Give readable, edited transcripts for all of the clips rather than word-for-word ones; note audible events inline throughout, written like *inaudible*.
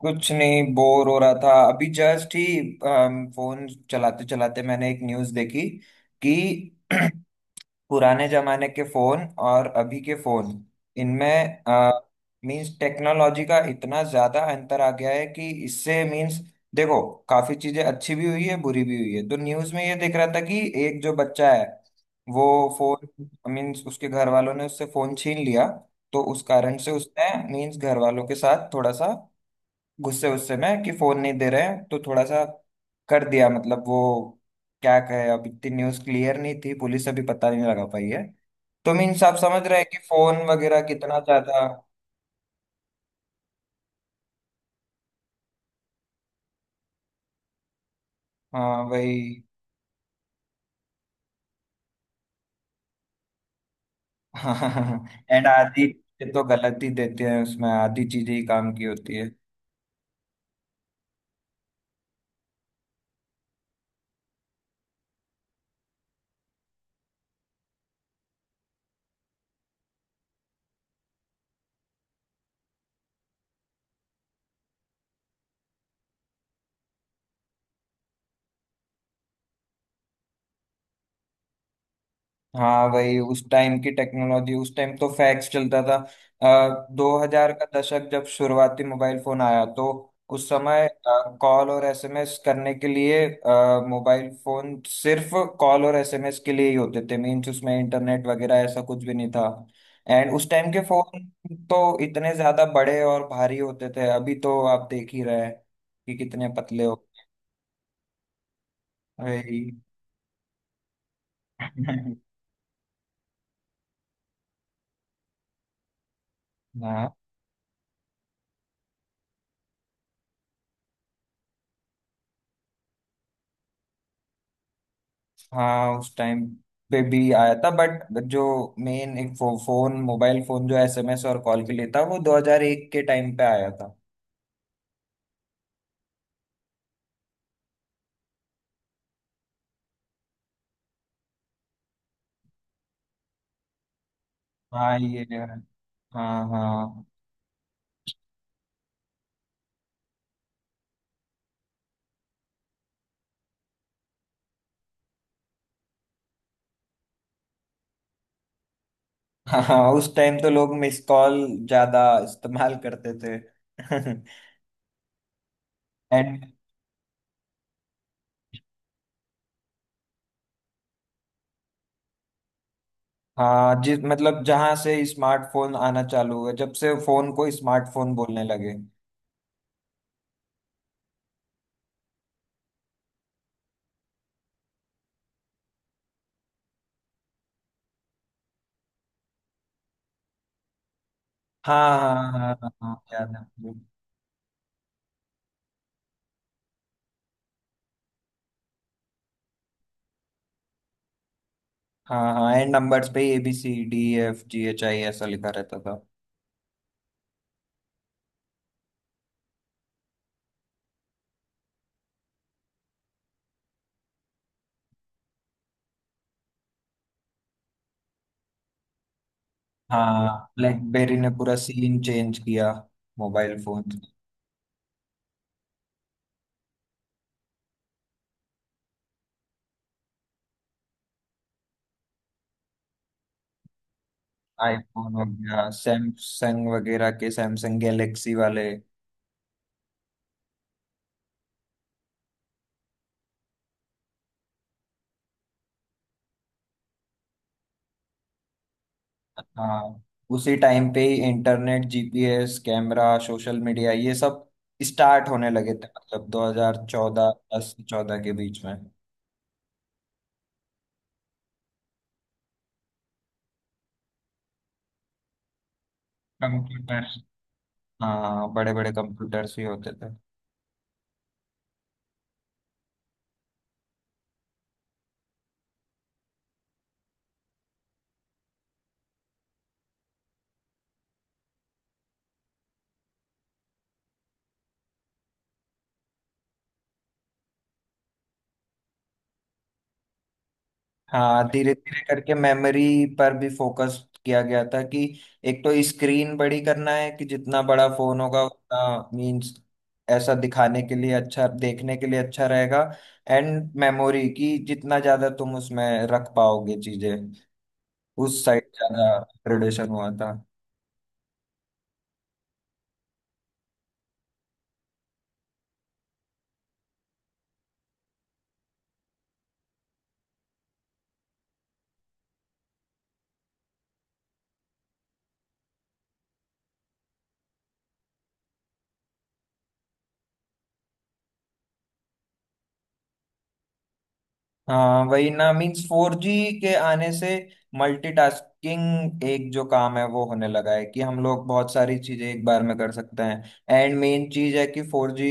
कुछ नहीं, बोर हो रहा था। अभी जस्ट ही फोन चलाते चलाते मैंने एक न्यूज़ देखी कि *clears throat* पुराने जमाने के फोन और अभी के फोन, इनमें मींस टेक्नोलॉजी का इतना ज्यादा अंतर आ गया है कि इससे मींस देखो, काफी चीजें अच्छी भी हुई है, बुरी भी हुई है। तो न्यूज़ में ये देख रहा था कि एक जो बच्चा है, वो फोन मीन्स उसके घर वालों ने उससे फोन छीन लिया। तो उस कारण से उसने मीन्स घर वालों के साथ थोड़ा सा, गुस्से गुस्से में, कि फोन नहीं दे रहे हैं तो थोड़ा सा कर दिया, मतलब वो क्या कहे। अब इतनी न्यूज़ क्लियर नहीं थी, पुलिस अभी पता नहीं लगा पाई है। तो मीन्स आप समझ रहे हैं कि फोन वगैरह कितना ज्यादा। हाँ, वही। *laughs* एंड आधी चीजें तो गलत ही देते हैं, उसमें आधी चीजें ही काम की होती है। हाँ भाई, उस टाइम की टेक्नोलॉजी, उस टाइम तो फैक्स चलता था। 2000 का दशक, जब शुरुआती मोबाइल फोन आया, तो उस समय कॉल और एसएमएस करने के लिए मोबाइल फोन सिर्फ कॉल और एसएमएस के लिए ही होते थे। मीन्स उसमें इंटरनेट वगैरह ऐसा कुछ भी नहीं था। एंड उस टाइम के फोन तो इतने ज्यादा बड़े और भारी होते थे, अभी तो आप देख ही रहे हैं कि कितने पतले हो गए। *laughs* वही। हाँ हाँ, उस टाइम पे भी आया था, बट जो मेन एक फोन, मोबाइल फोन जो एसएमएस और कॉल के लिए था, वो 2001 के टाइम पे आया था। हाँ ये, हाँ हाँ हाँ हाँ, उस टाइम तो लोग मिस कॉल ज्यादा इस्तेमाल करते थे। *laughs* एंड हाँ, जिस मतलब जहां से स्मार्टफोन आना चालू हुआ, जब से फोन को स्मार्टफोन बोलने लगे। हाँ हाँ हाँ हाँ हाँ, याद है मुझे। हाँ हाँ, एंड नंबर्स पे A B C D F G H I ऐसा लिखा रहता था। हाँ, ब्लैकबेरी ने पूरा सीन चेंज किया, मोबाइल फोन। आईफोन हो गया, सैमसंग वगैरह के, सैमसंग गैलेक्सी वाले। हाँ, उसी टाइम पे ही internet, GPS, camera, social media ये सब स्टार्ट होने लगे थे। मतलब 2014, 10, 14 के बीच में। कंप्यूटर। हाँ, बड़े बड़े कंप्यूटर्स भी होते थे। हाँ, धीरे धीरे करके मेमोरी पर भी फोकस किया गया था कि एक तो स्क्रीन बड़ी करना है, कि जितना बड़ा फोन होगा उतना मीन्स ऐसा दिखाने के लिए अच्छा, देखने के लिए अच्छा रहेगा। एंड मेमोरी की जितना ज्यादा तुम उसमें रख पाओगे चीजें, उस साइड ज्यादा ग्रेडेशन हुआ था। हाँ वही ना, मीन्स फोर जी के आने से मल्टीटास्किंग एक जो काम है, वो होने लगा है कि हम लोग बहुत सारी चीजें एक बार में कर सकते हैं। एंड मेन चीज है कि फोर जी,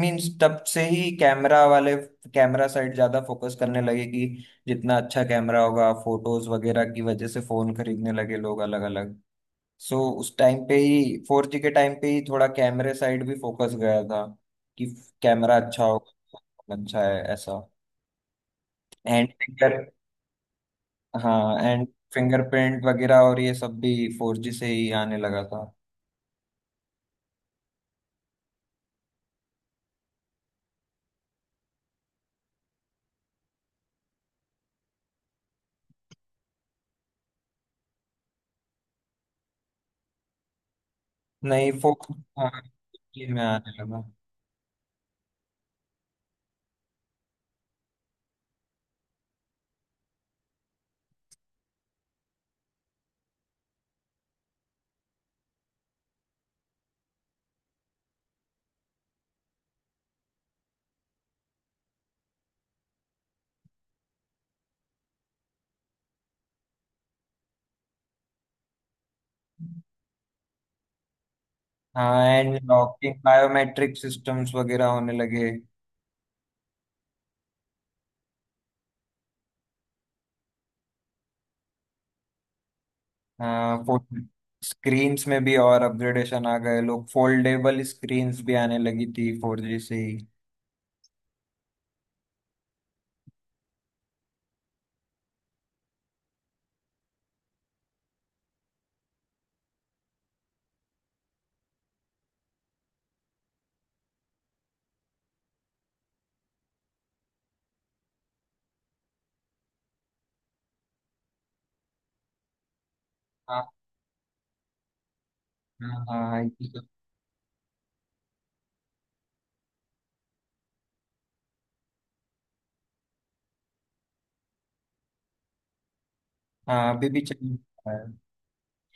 मीन्स तब से ही कैमरा वाले, कैमरा साइड ज्यादा फोकस करने लगे कि जितना अच्छा कैमरा होगा फोटोज वगैरह की वजह से फोन खरीदने लगे लोग अलग अलग। सो उस टाइम पे ही फोर जी के टाइम पे ही थोड़ा कैमरे साइड भी फोकस गया था कि कैमरा अच्छा होगा, अच्छा है ऐसा। एंड हाँ एंड फिंगरप्रिंट वगैरह और ये सब भी फोर जी से ही आने लगा था। नहीं फोर, हाँ 5G में आने लगा। हाँ एंड लॉकिंग बायोमेट्रिक सिस्टम्स वगैरह होने लगे। हाँ फोन स्क्रीन्स में भी और अपग्रेडेशन आ गए, लोग फोल्डेबल स्क्रीन्स भी आने लगी थी फोर जी से ही। हाँ हाँ हाँ ये सब- हाँ, अभी भी चल रहा है।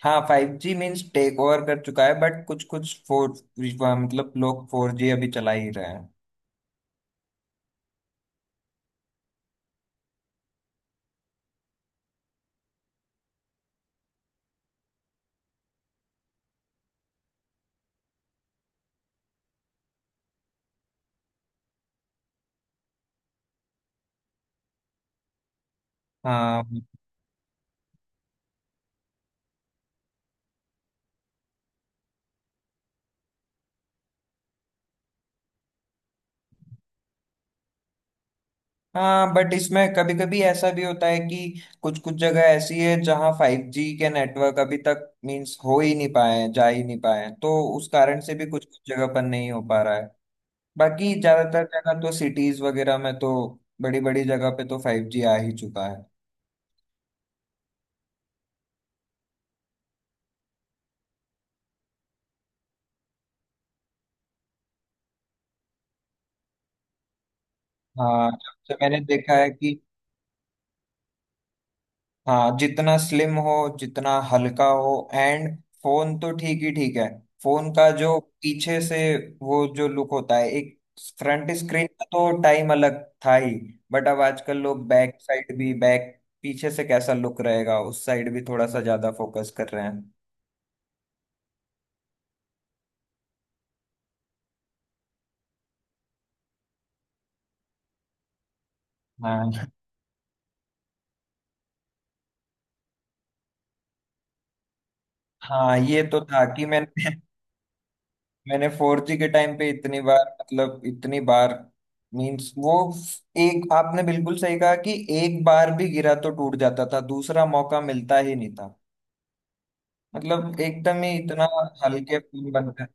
हाँ five G means take over कर चुका है बट कुछ कुछ फोर, मतलब लोग फोर जी अभी चला ही रहे हैं। हाँ हाँ, बट इसमें कभी कभी ऐसा भी होता है कि कुछ कुछ जगह ऐसी है जहाँ फाइव जी के नेटवर्क अभी तक मीन्स हो ही नहीं पाए हैं, जा ही नहीं पाए हैं, तो उस कारण से भी कुछ कुछ जगह पर नहीं हो पा रहा है। बाकी ज्यादातर जगह तो सिटीज वगैरह में तो, बड़ी बड़ी जगह पे तो फाइव जी आ ही चुका है। हाँ जब से मैंने देखा है कि हाँ जितना स्लिम हो, जितना हल्का हो। एंड फोन तो ठीक ही ठीक है, फोन का जो पीछे से वो जो लुक होता है एक। फ्रंट स्क्रीन का तो टाइम अलग था ही, बट अब आजकल लोग बैक साइड भी, बैक पीछे से कैसा लुक रहेगा उस साइड भी थोड़ा सा ज्यादा फोकस कर रहे हैं। हाँ हाँ, ये तो था कि मैंने मैंने फोर जी के टाइम पे इतनी बार, मतलब इतनी बार मींस वो एक, आपने बिल्कुल सही कहा कि एक बार भी गिरा तो टूट जाता था, दूसरा मौका मिलता ही नहीं था। मतलब एकदम ही इतना हल्के फोन बनता है।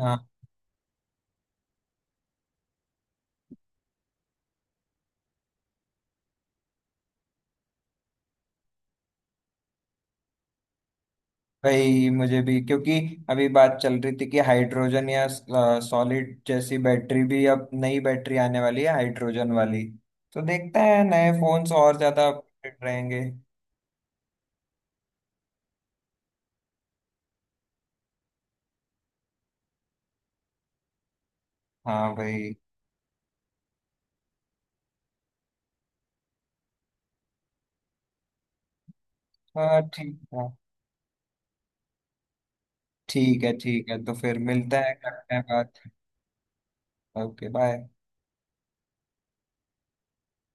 हाँ भाई, मुझे भी क्योंकि अभी बात चल रही थी कि हाइड्रोजन या सॉलिड जैसी बैटरी भी, अब नई बैटरी आने वाली है हाइड्रोजन वाली। तो देखते हैं नए फोन्स और ज्यादा अपडेट रहेंगे। हाँ भाई। हाँ, ठीक है ठीक है। ठीक है, तो फिर मिलते हैं, करते हैं बात। Okay bye.